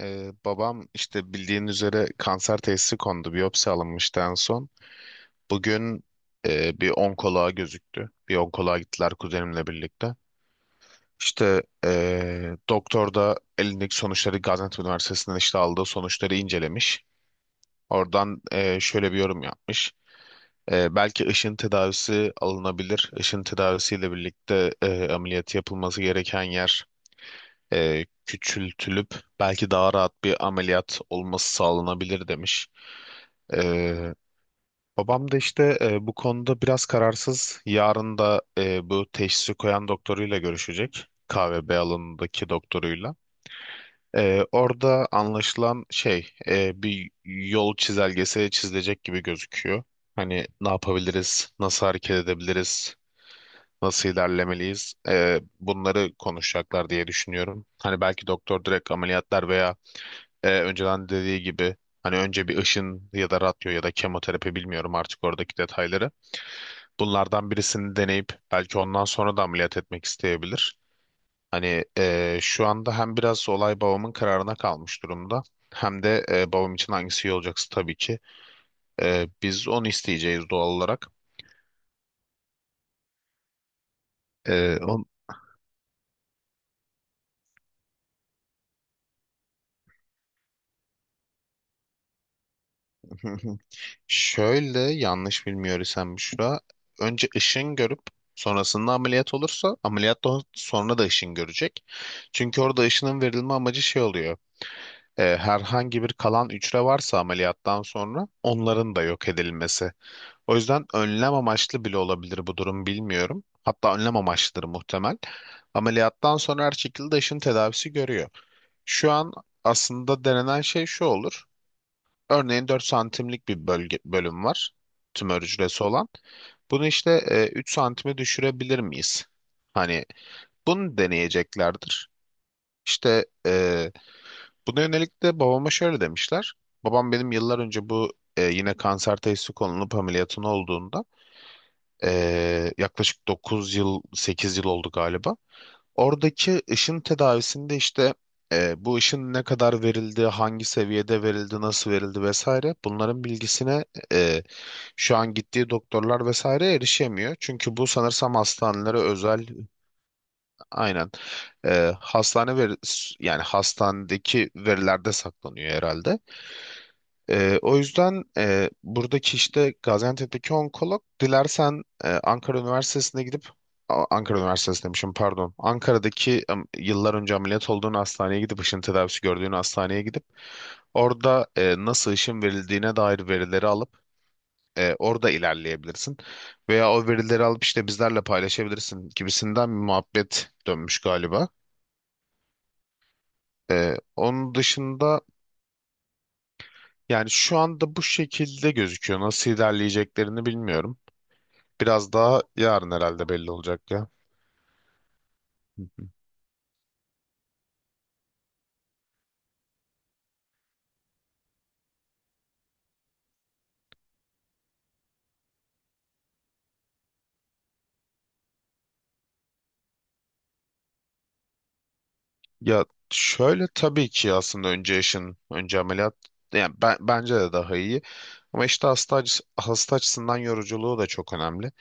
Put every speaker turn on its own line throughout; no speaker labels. Babam işte bildiğin üzere kanser teşhisi kondu. Biyopsi alınmıştı en son. Bugün bir onkoloğa gözüktü. Bir onkoloğa gittiler kuzenimle birlikte. İşte doktor da elindeki sonuçları Gaziantep Üniversitesi'nden işte aldığı sonuçları incelemiş. Oradan şöyle bir yorum yapmış. Belki ışın tedavisi alınabilir. Işın tedavisiyle birlikte ameliyatı yapılması gereken yer küçültülüp belki daha rahat bir ameliyat olması sağlanabilir demiş. E, babam da işte bu konuda biraz kararsız. Yarın da bu teşhisi koyan doktoruyla görüşecek. KVB alanındaki doktoruyla. Orada anlaşılan şey bir yol çizelgesi çizilecek gibi gözüküyor. Hani ne yapabiliriz, nasıl hareket edebiliriz, nasıl ilerlemeliyiz? Bunları konuşacaklar diye düşünüyorum. Hani belki doktor direkt ameliyatlar veya önceden dediği gibi hani önce bir ışın ya da radyo ya da kemoterapi bilmiyorum artık oradaki detayları. Bunlardan birisini deneyip belki ondan sonra da ameliyat etmek isteyebilir. Hani şu anda hem biraz olay babamın kararına kalmış durumda. Hem de babam için hangisi iyi olacaksa tabii ki. Biz onu isteyeceğiz doğal olarak. E, on... Şöyle yanlış bilmiyor isem Büşra. Önce ışın görüp sonrasında ameliyat olursa ameliyattan sonra da ışın görecek. Çünkü orada ışının verilme amacı şey oluyor. Herhangi bir kalan hücre varsa ameliyattan sonra onların da yok edilmesi. O yüzden önlem amaçlı bile olabilir bu durum bilmiyorum. Hatta önlem amaçlıdır muhtemel. Ameliyattan sonra her şekilde ışın tedavisi görüyor. Şu an aslında denenen şey şu olur. Örneğin 4 santimlik bir bölüm var. Tümör hücresi olan. Bunu işte 3 santime düşürebilir miyiz? Hani bunu deneyeceklerdir. İşte buna yönelik de babama şöyle demişler. Babam benim yıllar önce bu yine kanser teşhisi konulup ameliyatın olduğunda yaklaşık 9 yıl 8 yıl oldu galiba. Oradaki ışın tedavisinde işte bu ışın ne kadar verildi, hangi seviyede verildi, nasıl verildi vesaire bunların bilgisine e, şu an gittiği doktorlar vesaire erişemiyor. Çünkü bu sanırsam hastanelere özel aynen e, hastane veri, yani hastanedeki verilerde saklanıyor herhalde. O yüzden buradaki işte Gaziantep'teki onkolog dilersen Ankara Üniversitesi'ne gidip Ankara Üniversitesi demişim pardon. Ankara'daki yıllar önce ameliyat olduğun hastaneye gidip ışın tedavisi gördüğün hastaneye gidip orada nasıl ışın verildiğine dair verileri alıp orada ilerleyebilirsin. Veya o verileri alıp işte bizlerle paylaşabilirsin gibisinden bir muhabbet dönmüş galiba. Onun dışında yani şu anda bu şekilde gözüküyor. Nasıl ilerleyeceklerini bilmiyorum. Biraz daha yarın herhalde belli olacak ya. Ya şöyle tabii ki aslında önce yaşın, önce ameliyat yani bence de daha iyi. Ama işte hasta açısından yoruculuğu da çok önemli.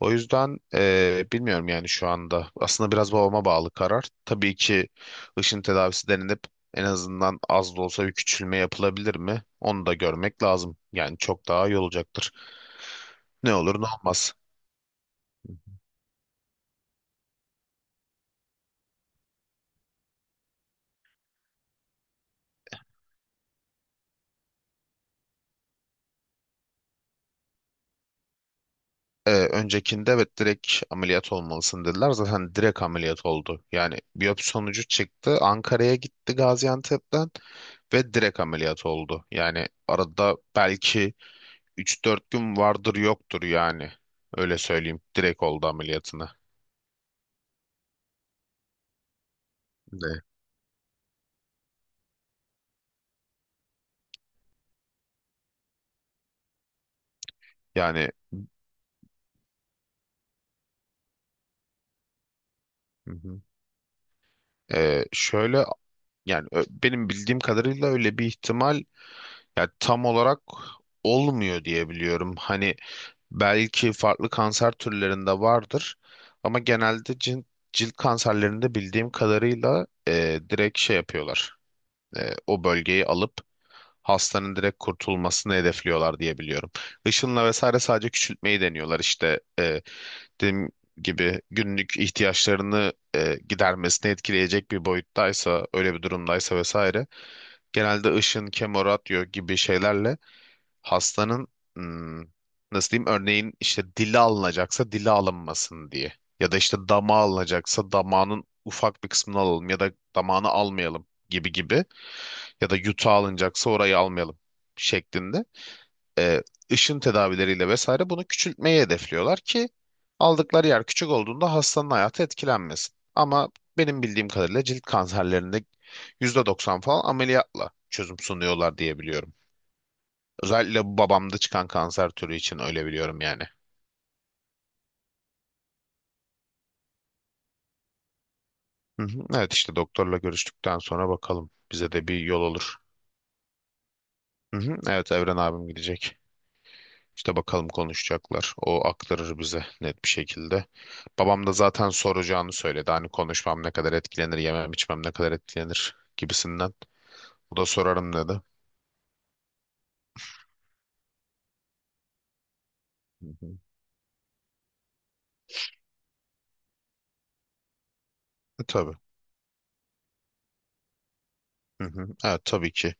O yüzden bilmiyorum yani şu anda. Aslında biraz babama bağlı karar. Tabii ki ışın tedavisi denilip en azından az da olsa bir küçülme yapılabilir mi? Onu da görmek lazım. Yani çok daha iyi olacaktır. Ne olur ne olmaz. Öncekinde evet direkt ameliyat olmalısın dediler. Zaten direkt ameliyat oldu. Yani biyopsi sonucu çıktı. Ankara'ya gitti Gaziantep'ten ve direkt ameliyat oldu. Yani arada belki 3-4 gün vardır yoktur yani. Öyle söyleyeyim. Direkt oldu ameliyatına. Ne? Yani hı hı. Şöyle yani benim bildiğim kadarıyla öyle bir ihtimal yani tam olarak olmuyor diye biliyorum. Hani belki farklı kanser türlerinde vardır ama genelde cilt kanserlerinde bildiğim kadarıyla direkt şey yapıyorlar. O bölgeyi alıp hastanın direkt kurtulmasını hedefliyorlar diye biliyorum. Işınla vesaire sadece küçültmeyi deniyorlar işte dediğim gibi günlük ihtiyaçlarını gidermesini etkileyecek bir boyuttaysa öyle bir durumdaysa vesaire genelde ışın, kemoradyo gibi şeylerle hastanın hmm, nasıl diyeyim örneğin işte dili alınacaksa dili alınmasın diye ya da işte damağı alınacaksa damağının ufak bir kısmını alalım ya da damağını almayalım gibi gibi ya da yutağı alınacaksa orayı almayalım şeklinde e, ışın tedavileriyle vesaire bunu küçültmeyi hedefliyorlar ki aldıkları yer küçük olduğunda hastanın hayatı etkilenmesin. Ama benim bildiğim kadarıyla cilt kanserlerinde %90 falan ameliyatla çözüm sunuyorlar diye biliyorum. Özellikle bu babamda çıkan kanser türü için öyle biliyorum yani. Hı hı. Evet işte doktorla görüştükten sonra bakalım. Bize de bir yol olur. Hı hı. Evet Evren abim gidecek. İşte bakalım konuşacaklar. O aktarır bize net bir şekilde. Babam da zaten soracağını söyledi. Hani konuşmam ne kadar etkilenir, yemem içmem ne kadar etkilenir gibisinden. O da sorarım dedi. Hı hı. Tabii. Hı hı. Evet tabii ki.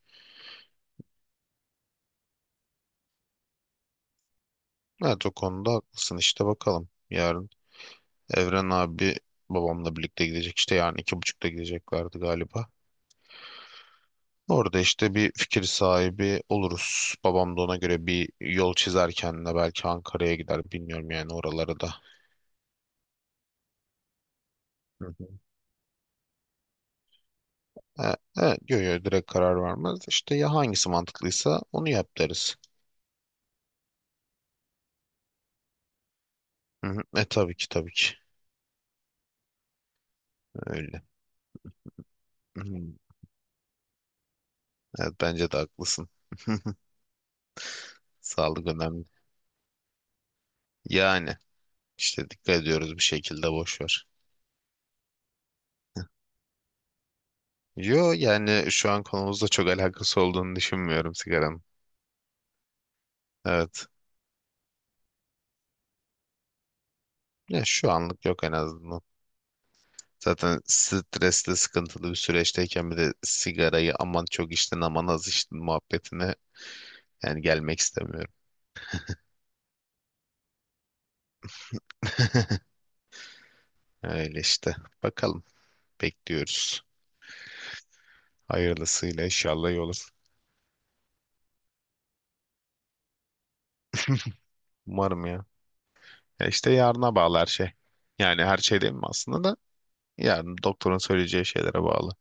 Evet o konuda haklısın işte bakalım. Yarın Evren abi babamla birlikte gidecek işte yani 2.30'da gideceklerdi galiba. Orada işte bir fikir sahibi oluruz. Babam da ona göre bir yol çizer kendine belki Ankara'ya gider bilmiyorum yani oralara da. Hı hı. Evet, yo, yo, direkt karar vermez. İşte ya hangisi mantıklıysa onu yap deriz. Hı hı. Tabii ki tabii ki öyle. Hı hı. Evet bence de haklısın. Sağlık önemli. Yani işte dikkat ediyoruz bir şekilde boş ver. Yo yani şu an konumuzla çok alakası olduğunu düşünmüyorum sigaranın. Evet. Ya şu anlık yok en azından. Zaten stresli, sıkıntılı bir süreçteyken bir de sigarayı aman çok içtin aman az içtin muhabbetine yani gelmek istemiyorum. Öyle işte. Bakalım. Bekliyoruz. Hayırlısıyla inşallah iyi olur. Umarım ya. Ya işte yarına bağlı her şey. Yani her şey değil mi aslında da yarın doktorun söyleyeceği şeylere bağlı.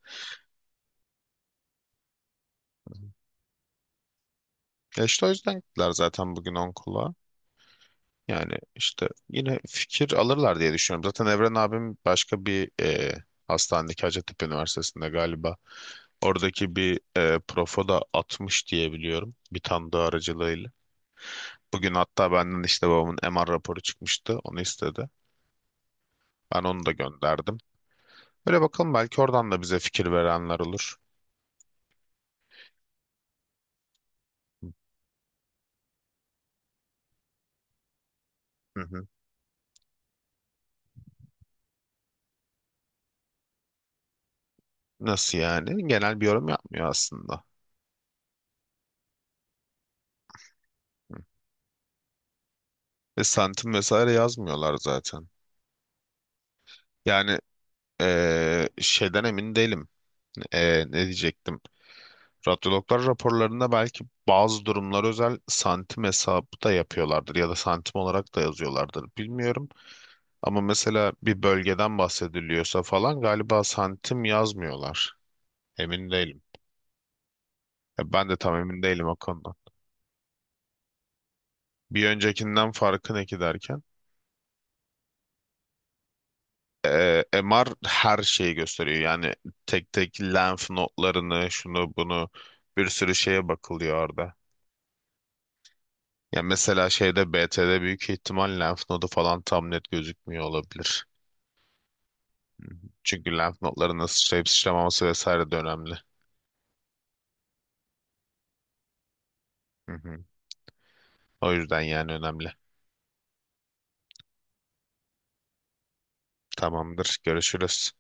Ya işte o yüzden gittiler zaten bugün onkoloğa. Yani işte yine fikir alırlar diye düşünüyorum. Zaten Evren abim başka bir hastanedeki Hacettepe Üniversitesi'nde galiba oradaki bir profo da atmış diye biliyorum bir tanıdığı aracılığıyla. Bugün hatta benden işte babamın MR raporu çıkmıştı onu istedi. Ben onu da gönderdim. Böyle bakalım belki oradan da bize fikir verenler olur. Hı hı. Nasıl yani? Genel bir yorum yapmıyor aslında. Ve santim vesaire yazmıyorlar zaten. Yani şeyden emin değilim. Ne diyecektim? Radyologlar raporlarında belki bazı durumlar özel santim hesabı da yapıyorlardır ya da santim olarak da yazıyorlardır bilmiyorum. Ama mesela bir bölgeden bahsediliyorsa falan galiba santim yazmıyorlar. Emin değilim. Ya ben de tam emin değilim o konuda. Bir öncekinden farkı ne ki derken? MR her şeyi gösteriyor. Yani tek tek lenf notlarını, şunu bunu bir sürü şeye bakılıyor orada. Ya mesela şeyde BT'de büyük ihtimal lenf nodu falan tam net gözükmüyor olabilir. Hı hı. Çünkü lenf notlarının sıçrayıp sıçramaması vesaire de önemli. Hı hı. O yüzden yani önemli. Tamamdır. Görüşürüz.